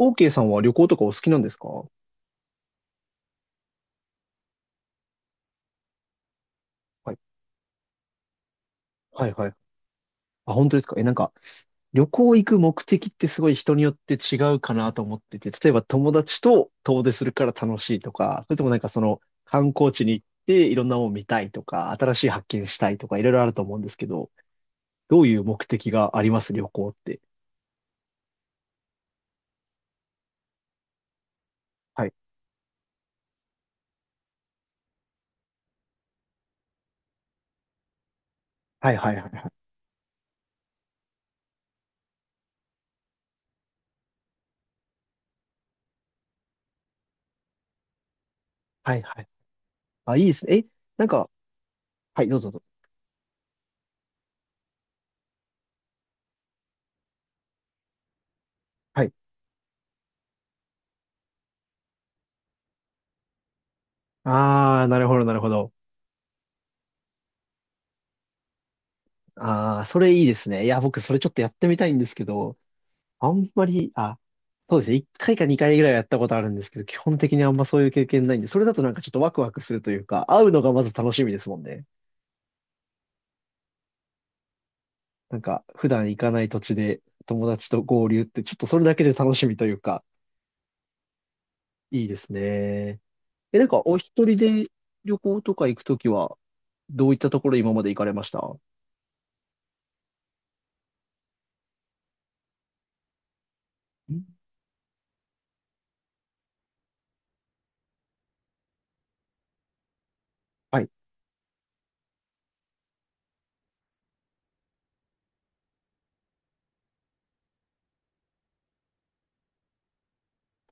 OK さんは旅行とかお好きなんですか？はい。はいはい。あ、本当ですか？なんか、旅行行く目的ってすごい人によって違うかなと思ってて、例えば友達と遠出するから楽しいとか、それともなんかその観光地に行っていろんなもの見たいとか、新しい発見したいとか、いろいろあると思うんですけど、どういう目的があります、旅行って？はい。はいはいはいはい。はいはい。あ、いいですね。なんか、はい、どうぞどうぞ。はい。あー、なるほどなるほど。あー、それいいですね。いや、僕それちょっとやってみたいんですけど、あんまり、あ、そうですね。1回か2回ぐらいはやったことあるんですけど、基本的にあんまそういう経験ないんで、それだとなんかちょっとワクワクするというか、会うのがまず楽しみですもんね。なんか、普段行かない土地で友達と合流って、ちょっとそれだけで楽しみというか、いいですね。なんか、お一人で旅行とか行くときは、どういったところ今まで行かれましたん？はい。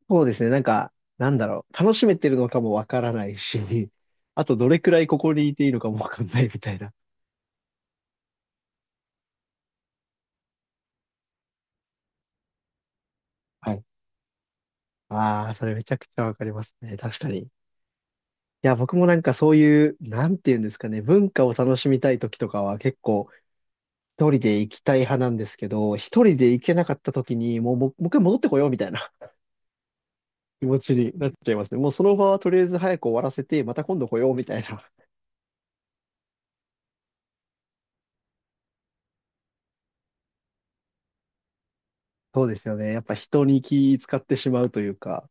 そうですね。なんか、なんだろう。楽しめてるのかもわからないし、あとどれくらいここにいていいのかもわかんないみたいな。はい。ああ、それめちゃくちゃわかりますね。確かに。いや、僕もなんかそういう、なんていうんですかね、文化を楽しみたい時とかは結構一人で行きたい派なんですけど、一人で行けなかった時に、もう一回戻ってこようみたいな 気持ちになっちゃいますね。もうその場はとりあえず早く終わらせて、また今度来ようみたいな。そうですよね。やっぱ人に気使ってしまうというか、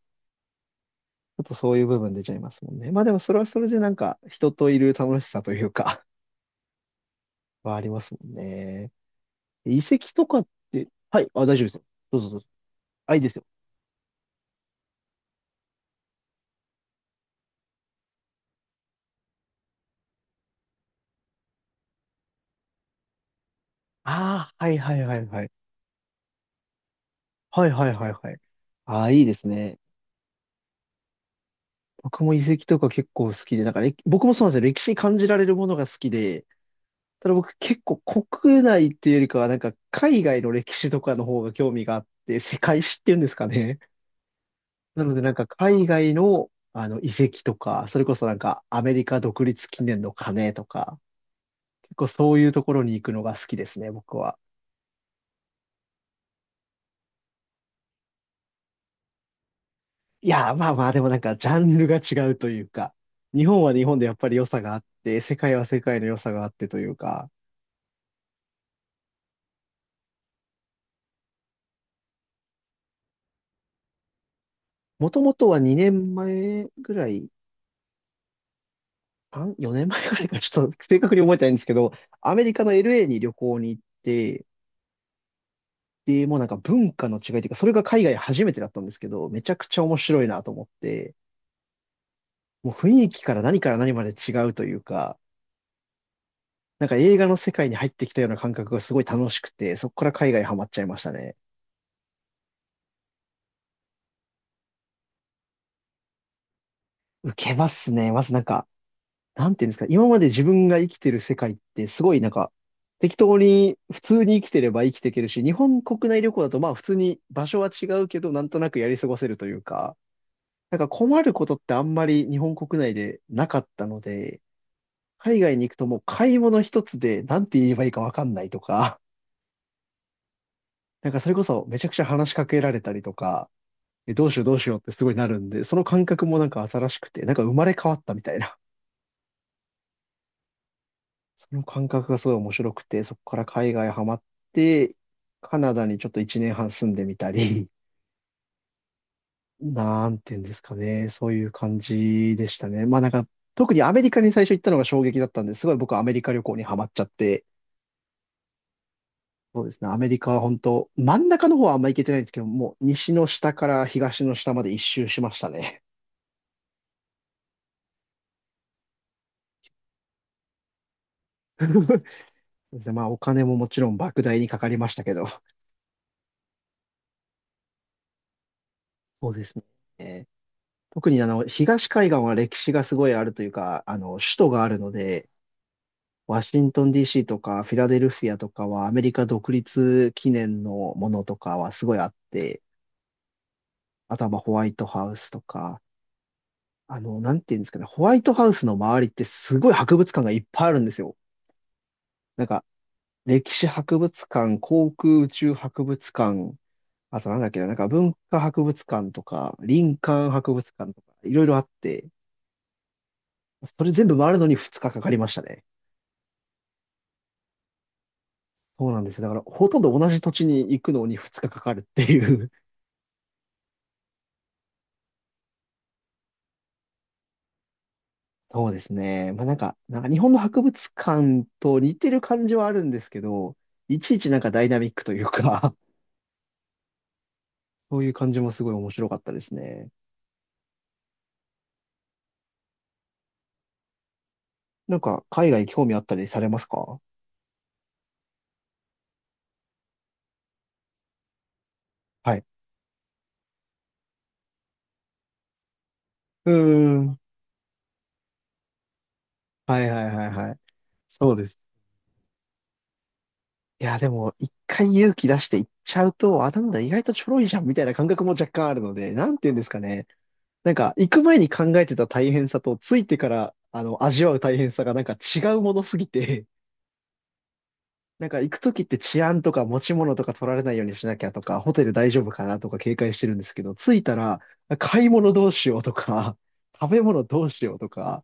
ちょっとそういう部分出ちゃいますもんね。まあでもそれはそれでなんか人といる楽しさというか はありますもんね。遺跡とかって、はい、あ、大丈夫ですよ。あ、いいですよ。ああ、はいはいはいはい。はいはいはいはい。ああ、いいですね。僕も遺跡とか結構好きで、だから僕もそうなんですよ。歴史に感じられるものが好きで、ただ僕結構国内っていうよりかは、なんか海外の歴史とかの方が興味があって、世界史っていうんですかね。なのでなんか海外の、あの遺跡とか、それこそなんかアメリカ独立記念の鐘とか、結構そういうところに行くのが好きですね、僕は。いや、まあまあ、でもなんか、ジャンルが違うというか、日本は日本でやっぱり良さがあって、世界は世界の良さがあってというか、もともとは2年前ぐらい、3、4年前ぐらいか、ちょっと正確に覚えてないんですけど、アメリカの LA に旅行に行って、で、もうなんか文化の違いというか、それが海外初めてだったんですけど、めちゃくちゃ面白いなと思って、もう雰囲気から何から何まで違うというか、なんか映画の世界に入ってきたような感覚がすごい楽しくて、そこから海外ハマっちゃいましたね。受けますね。まずなんか、なんていうんですか、今まで自分が生きてる世界ってすごいなんか、適当に普通に生きてれば生きていけるし、日本国内旅行だとまあ普通に場所は違うけど、なんとなくやり過ごせるというか、なんか困ることってあんまり日本国内でなかったので、海外に行くともう買い物一つでなんて言えばいいかわかんないとか、なんかそれこそめちゃくちゃ話しかけられたりとか、どうしようどうしようってすごいなるんで、その感覚もなんか新しくて、なんか生まれ変わったみたいなその感覚がすごい面白くて、そこから海外ハマって、カナダにちょっと1年半住んでみたり、なんていうんですかね、そういう感じでしたね。まあなんか、特にアメリカに最初行ったのが衝撃だったんですごい僕はアメリカ旅行にハマっちゃって、そうですね、アメリカは本当、真ん中の方はあんま行けてないんですけど、もう西の下から東の下まで一周しましたね。そうですね、まあお金ももちろん莫大にかかりましたけど、そうですね。特にあの、東海岸は歴史がすごいあるというか、あの、首都があるので、ワシントン DC とかフィラデルフィアとかはアメリカ独立記念のものとかはすごいあって、あとはまあホワイトハウスとか、あの、なんていうんですかね、ホワイトハウスの周りってすごい博物館がいっぱいあるんですよ。なんか、歴史博物館、航空宇宙博物館、あとなんだっけな、なんか文化博物館とか、林間博物館とか、いろいろあって、それ全部回るのに2日かかかりましたね。そうなんですよ。だから、ほとんど同じ土地に行くのに2日かかかるっていう そうですね。まあなんか日本の博物館と似てる感じはあるんですけど、いちいちなんかダイナミックというか そういう感じもすごい面白かったですね。なんか、海外興味あったりされますか？はい。うーん。はいはいはいはい。そうです。いや、でも、一回勇気出して行っちゃうと、あ、なんだ、意外とちょろいじゃんみたいな感覚も若干あるので、なんて言うんですかね。なんか、行く前に考えてた大変さと、着いてから、あの、味わう大変さがなんか違うものすぎて、なんか行くときって治安とか持ち物とか取られないようにしなきゃとか、ホテル大丈夫かなとか警戒してるんですけど、着いたら、買い物どうしようとか、食べ物どうしようとか、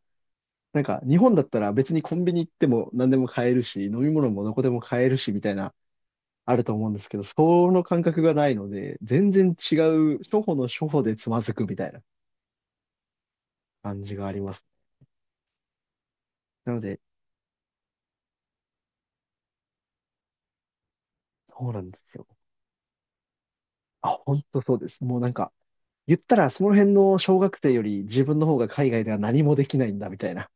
なんか日本だったら別にコンビニ行っても何でも買えるし、飲み物もどこでも買えるし、みたいな、あると思うんですけど、その感覚がないので、全然違う、初歩の初歩でつまずくみたいな感じがあります。なので、そうなんですよ。あ、本当そうです。もうなんか、言ったらその辺の小学生より自分の方が海外では何もできないんだみたいな。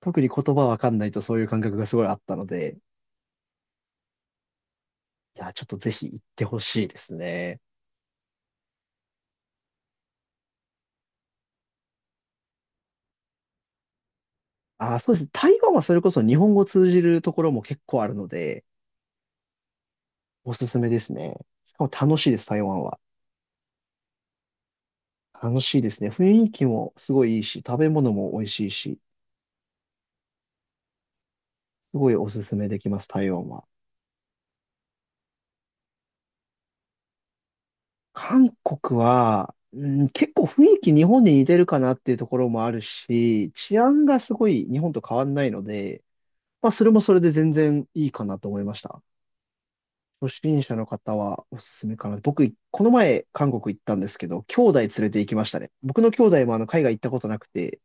特に言葉わかんないとそういう感覚がすごいあったので、いや、ちょっとぜひ行ってほしいですね。あ、そうです。台湾はそれこそ日本語通じるところも結構あるので、おすすめですね。しかも楽しいです、台湾は。楽しいですね。雰囲気もすごいいいし、食べ物も美味しいし、すごいおすすめできます、台湾は。韓国は、うん、結構雰囲気日本に似てるかなっていうところもあるし、治安がすごい日本と変わんないので、まあそれもそれで全然いいかなと思いました。初心者の方はおすすめかな。僕、この前韓国行ったんですけど、兄弟連れて行きましたね。僕の兄弟もあの海外行ったことなくて、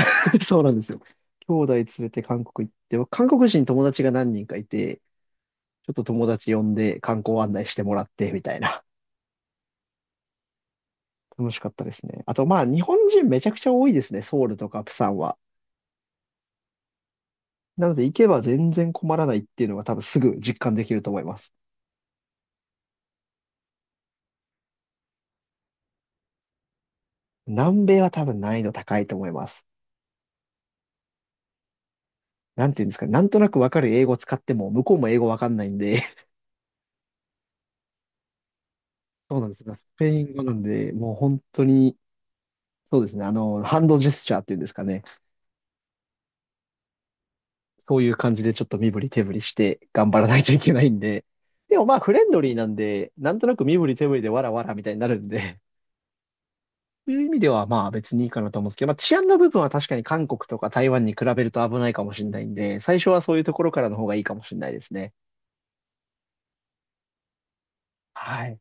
そうなんですよ。兄弟連れて韓国行って、韓国人友達が何人かいて、ちょっと友達呼んで観光案内してもらってみたいな。楽しかったですね。あと、まあ、日本人めちゃくちゃ多いですね。ソウルとかプサンは。なので、行けば全然困らないっていうのが多分すぐ実感できると思います。南米は多分難易度高いと思います。なんていうんですかね、なんとなくわかる英語使っても、向こうも英語わかんないんで、そうなんですよ。スペイン語なんで、もう本当に、そうですね。あの、ハンドジェスチャーっていうんですかね。そういう感じでちょっと身振り手振りして頑張らないといけないんで。でもまあ、フレンドリーなんで、なんとなく身振り手振りでわらわらみたいになるんで、いう意味では、まあ別にいいかなと思うんですけど、まあ治安の部分は確かに韓国とか台湾に比べると危ないかもしれないんで、最初はそういうところからの方がいいかもしれないですね。はい。